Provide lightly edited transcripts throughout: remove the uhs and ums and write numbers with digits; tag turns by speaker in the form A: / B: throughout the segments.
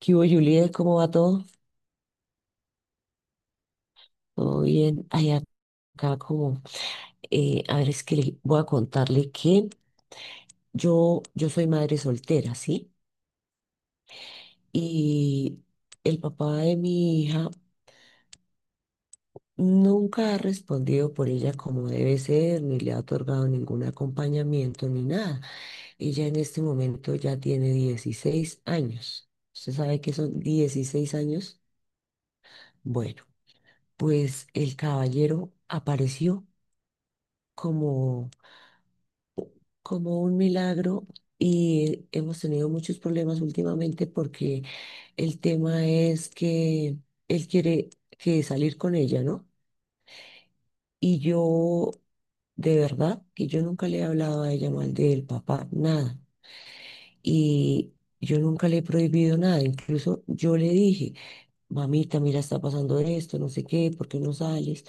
A: ¿Qué hubo, Juliet? ¿Cómo va todo? ¿Todo bien? Ay, acá como, a ver, es que le voy a contarle que yo soy madre soltera, ¿sí? Y el papá de mi hija nunca ha respondido por ella como debe ser, ni le ha otorgado ningún acompañamiento, ni nada. Ella en este momento ya tiene 16 años. ¿Usted sabe que son 16 años? Bueno, pues el caballero apareció como como un milagro y hemos tenido muchos problemas últimamente porque el tema es que él quiere que salir con ella, ¿no? Y yo, de verdad, que yo nunca le he hablado a ella mal del papá, nada. Y yo nunca le he prohibido nada. Incluso yo le dije mamita, mira, está pasando esto, no sé qué, ¿por qué no sales?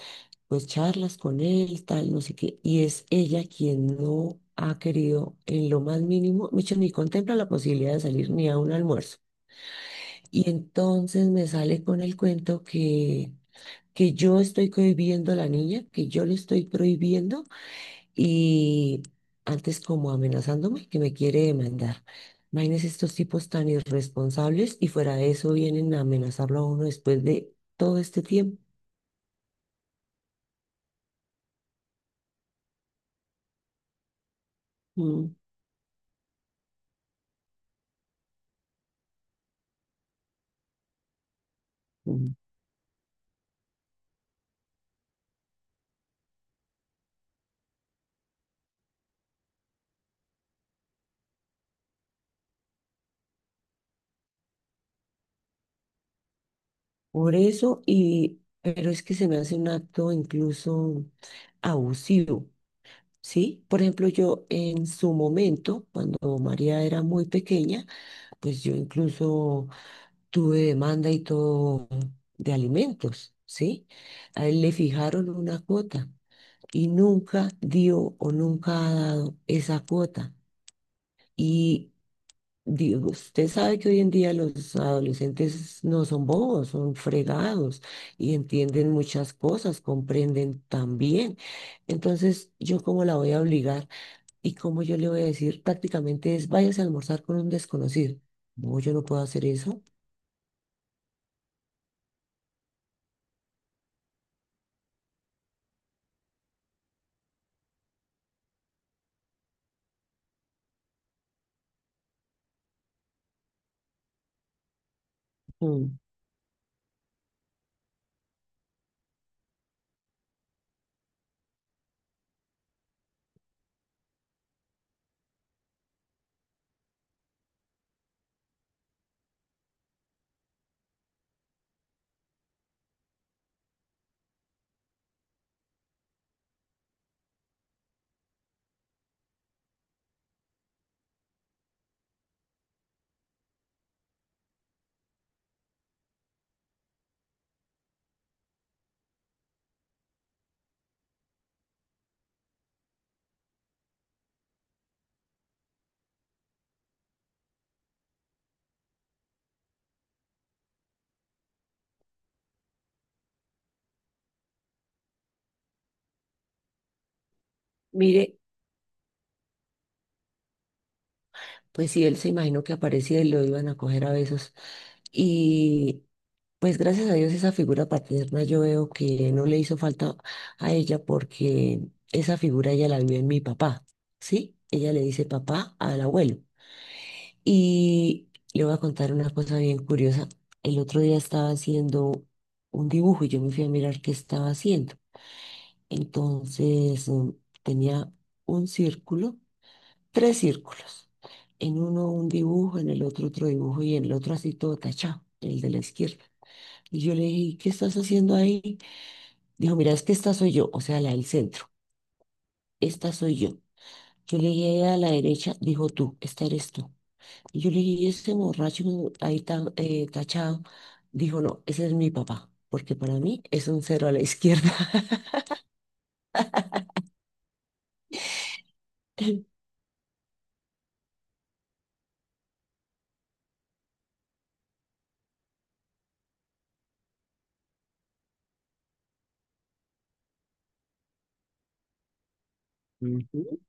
A: Pues charlas con él, tal, no sé qué. Y es ella quien no ha querido en lo más mínimo, mucho ni contempla la posibilidad de salir ni a un almuerzo. Y entonces me sale con el cuento que yo estoy cohibiendo a la niña, que yo le estoy prohibiendo y antes como amenazándome que me quiere demandar. Imagínense estos tipos tan irresponsables y fuera de eso vienen a amenazarlo a uno después de todo este tiempo. Mm, mm. Por eso, y, pero es que se me hace un acto incluso abusivo, ¿sí? Por ejemplo, yo en su momento, cuando María era muy pequeña, pues yo incluso tuve demanda y todo de alimentos, ¿sí? A él le fijaron una cuota y nunca dio o nunca ha dado esa cuota. Y digo, usted sabe que hoy en día los adolescentes no son bobos, son fregados y entienden muchas cosas, comprenden también. Entonces, ¿yo cómo la voy a obligar y cómo yo le voy a decir prácticamente es váyase a almorzar con un desconocido? No, yo no puedo hacer eso. Mm. Mire, pues si él se imaginó que aparecía y lo iban a coger a besos. Y pues gracias a Dios esa figura paterna yo veo que no le hizo falta a ella porque esa figura ella la vio en mi papá, ¿sí? Ella le dice papá al abuelo. Y le voy a contar una cosa bien curiosa. El otro día estaba haciendo un dibujo y yo me fui a mirar qué estaba haciendo. Entonces tenía un círculo, tres círculos. En uno un dibujo, en el otro otro dibujo y en el otro así todo tachado, el de la izquierda. Y yo le dije, ¿qué estás haciendo ahí? Dijo, mira, es que esta soy yo, o sea, la del centro, esta soy yo. Yo le dije a la derecha, dijo tú, esta eres tú. Y yo le dije, "¿Y ese borracho ahí tan tachado? Dijo, no, ese es mi papá, porque para mí es un cero a la izquierda. Ujú.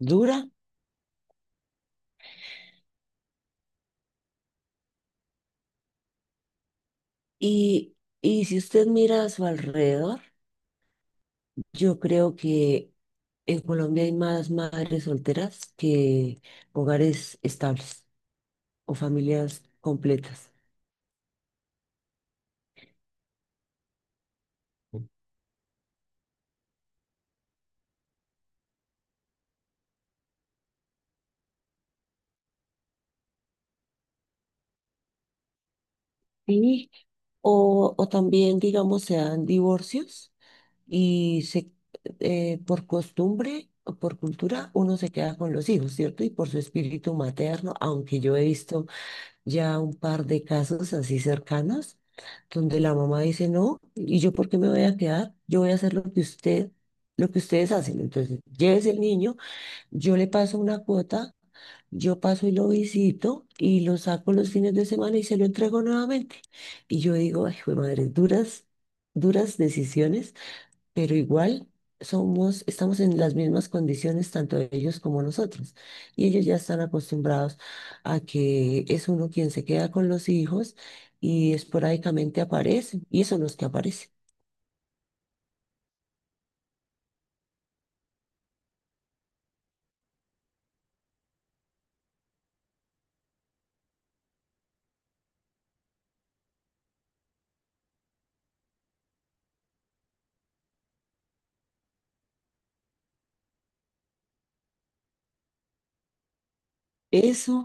A: Dura. Y, y si usted mira a su alrededor, yo creo que en Colombia hay más madres solteras que hogares estables o familias completas. Sí, o también, digamos, se dan divorcios y se, por costumbre o por cultura uno se queda con los hijos, ¿cierto? Y por su espíritu materno, aunque yo he visto ya un par de casos así cercanos, donde la mamá dice, no, ¿y yo por qué me voy a quedar? Yo voy a hacer lo que usted, lo que ustedes hacen. Entonces, llévese el niño, yo le paso una cuota, yo paso y lo visito y lo saco los fines de semana y se lo entrego nuevamente. Y yo digo, ay, jue madre, duras, duras decisiones, pero igual somos, estamos en las mismas condiciones, tanto ellos como nosotros. Y ellos ya están acostumbrados a que es uno quien se queda con los hijos y esporádicamente aparecen, y son los que aparecen. Eso,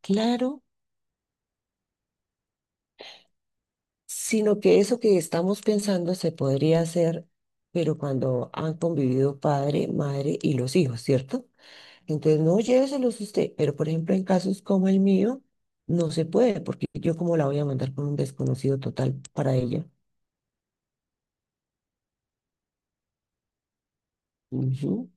A: claro, sino que eso que estamos pensando se podría hacer, pero cuando han convivido padre, madre y los hijos, ¿cierto? Entonces, no lléveselos usted, pero por ejemplo, en casos como el mío, no se puede, porque yo cómo la voy a mandar con un desconocido total para ella. Ujú.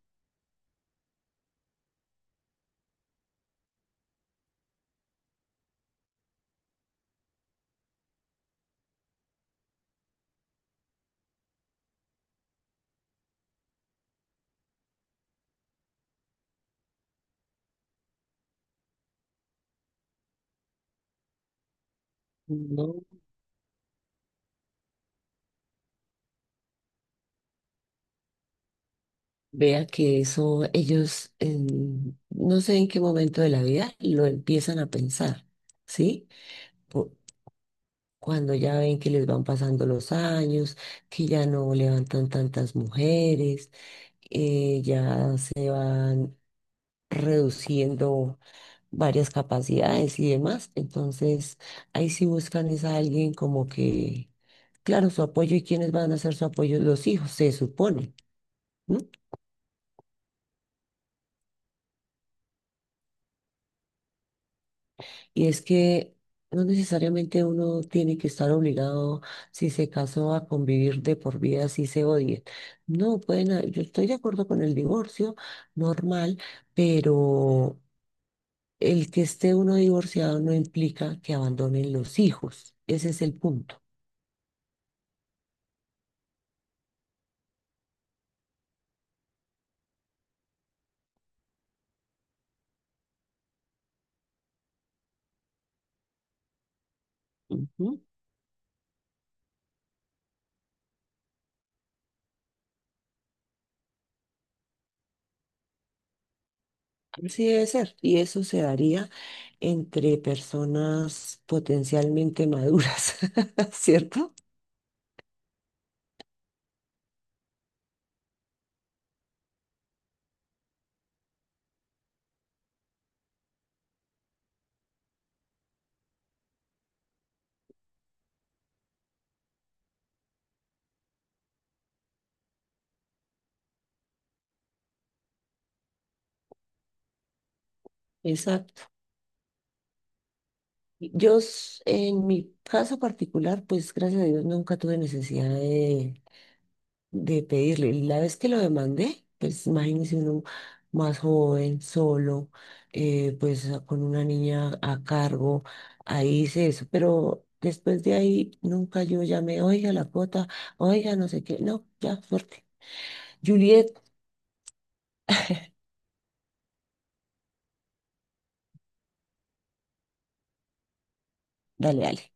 A: No, vea que eso ellos en- no sé en qué momento de la vida lo empiezan a pensar, ¿sí? Po- cuando ya ven que les van pasando los años, que ya no levantan tantas mujeres, ya se van reduciendo varias capacidades y demás. Entonces, ahí sí buscan es a alguien como que, claro, su apoyo y quiénes van a ser su apoyo, los hijos, se supone, ¿no? Y es que no necesariamente uno tiene que estar obligado, si se casó, a convivir de por vida, si se odien. No, pueden, ha- yo estoy de acuerdo con el divorcio normal, pero el que esté uno divorciado no implica que abandonen los hijos. Ese es el punto. Ujú. Así debe ser. Y eso se daría entre personas potencialmente maduras, ¿cierto? Exacto. Yo s- en mi caso particular, pues gracias a Dios nunca tuve necesidad de pedirlo. Y la vez que lo demandé, pues imagínese uno más joven, solo, pues a- con una niña a cargo, ahí hice eso. Pero después de ahí nunca yo llamé, oiga la cuota, oiga no sé qué, no, ya, fuerte. Juliet, dale, dale.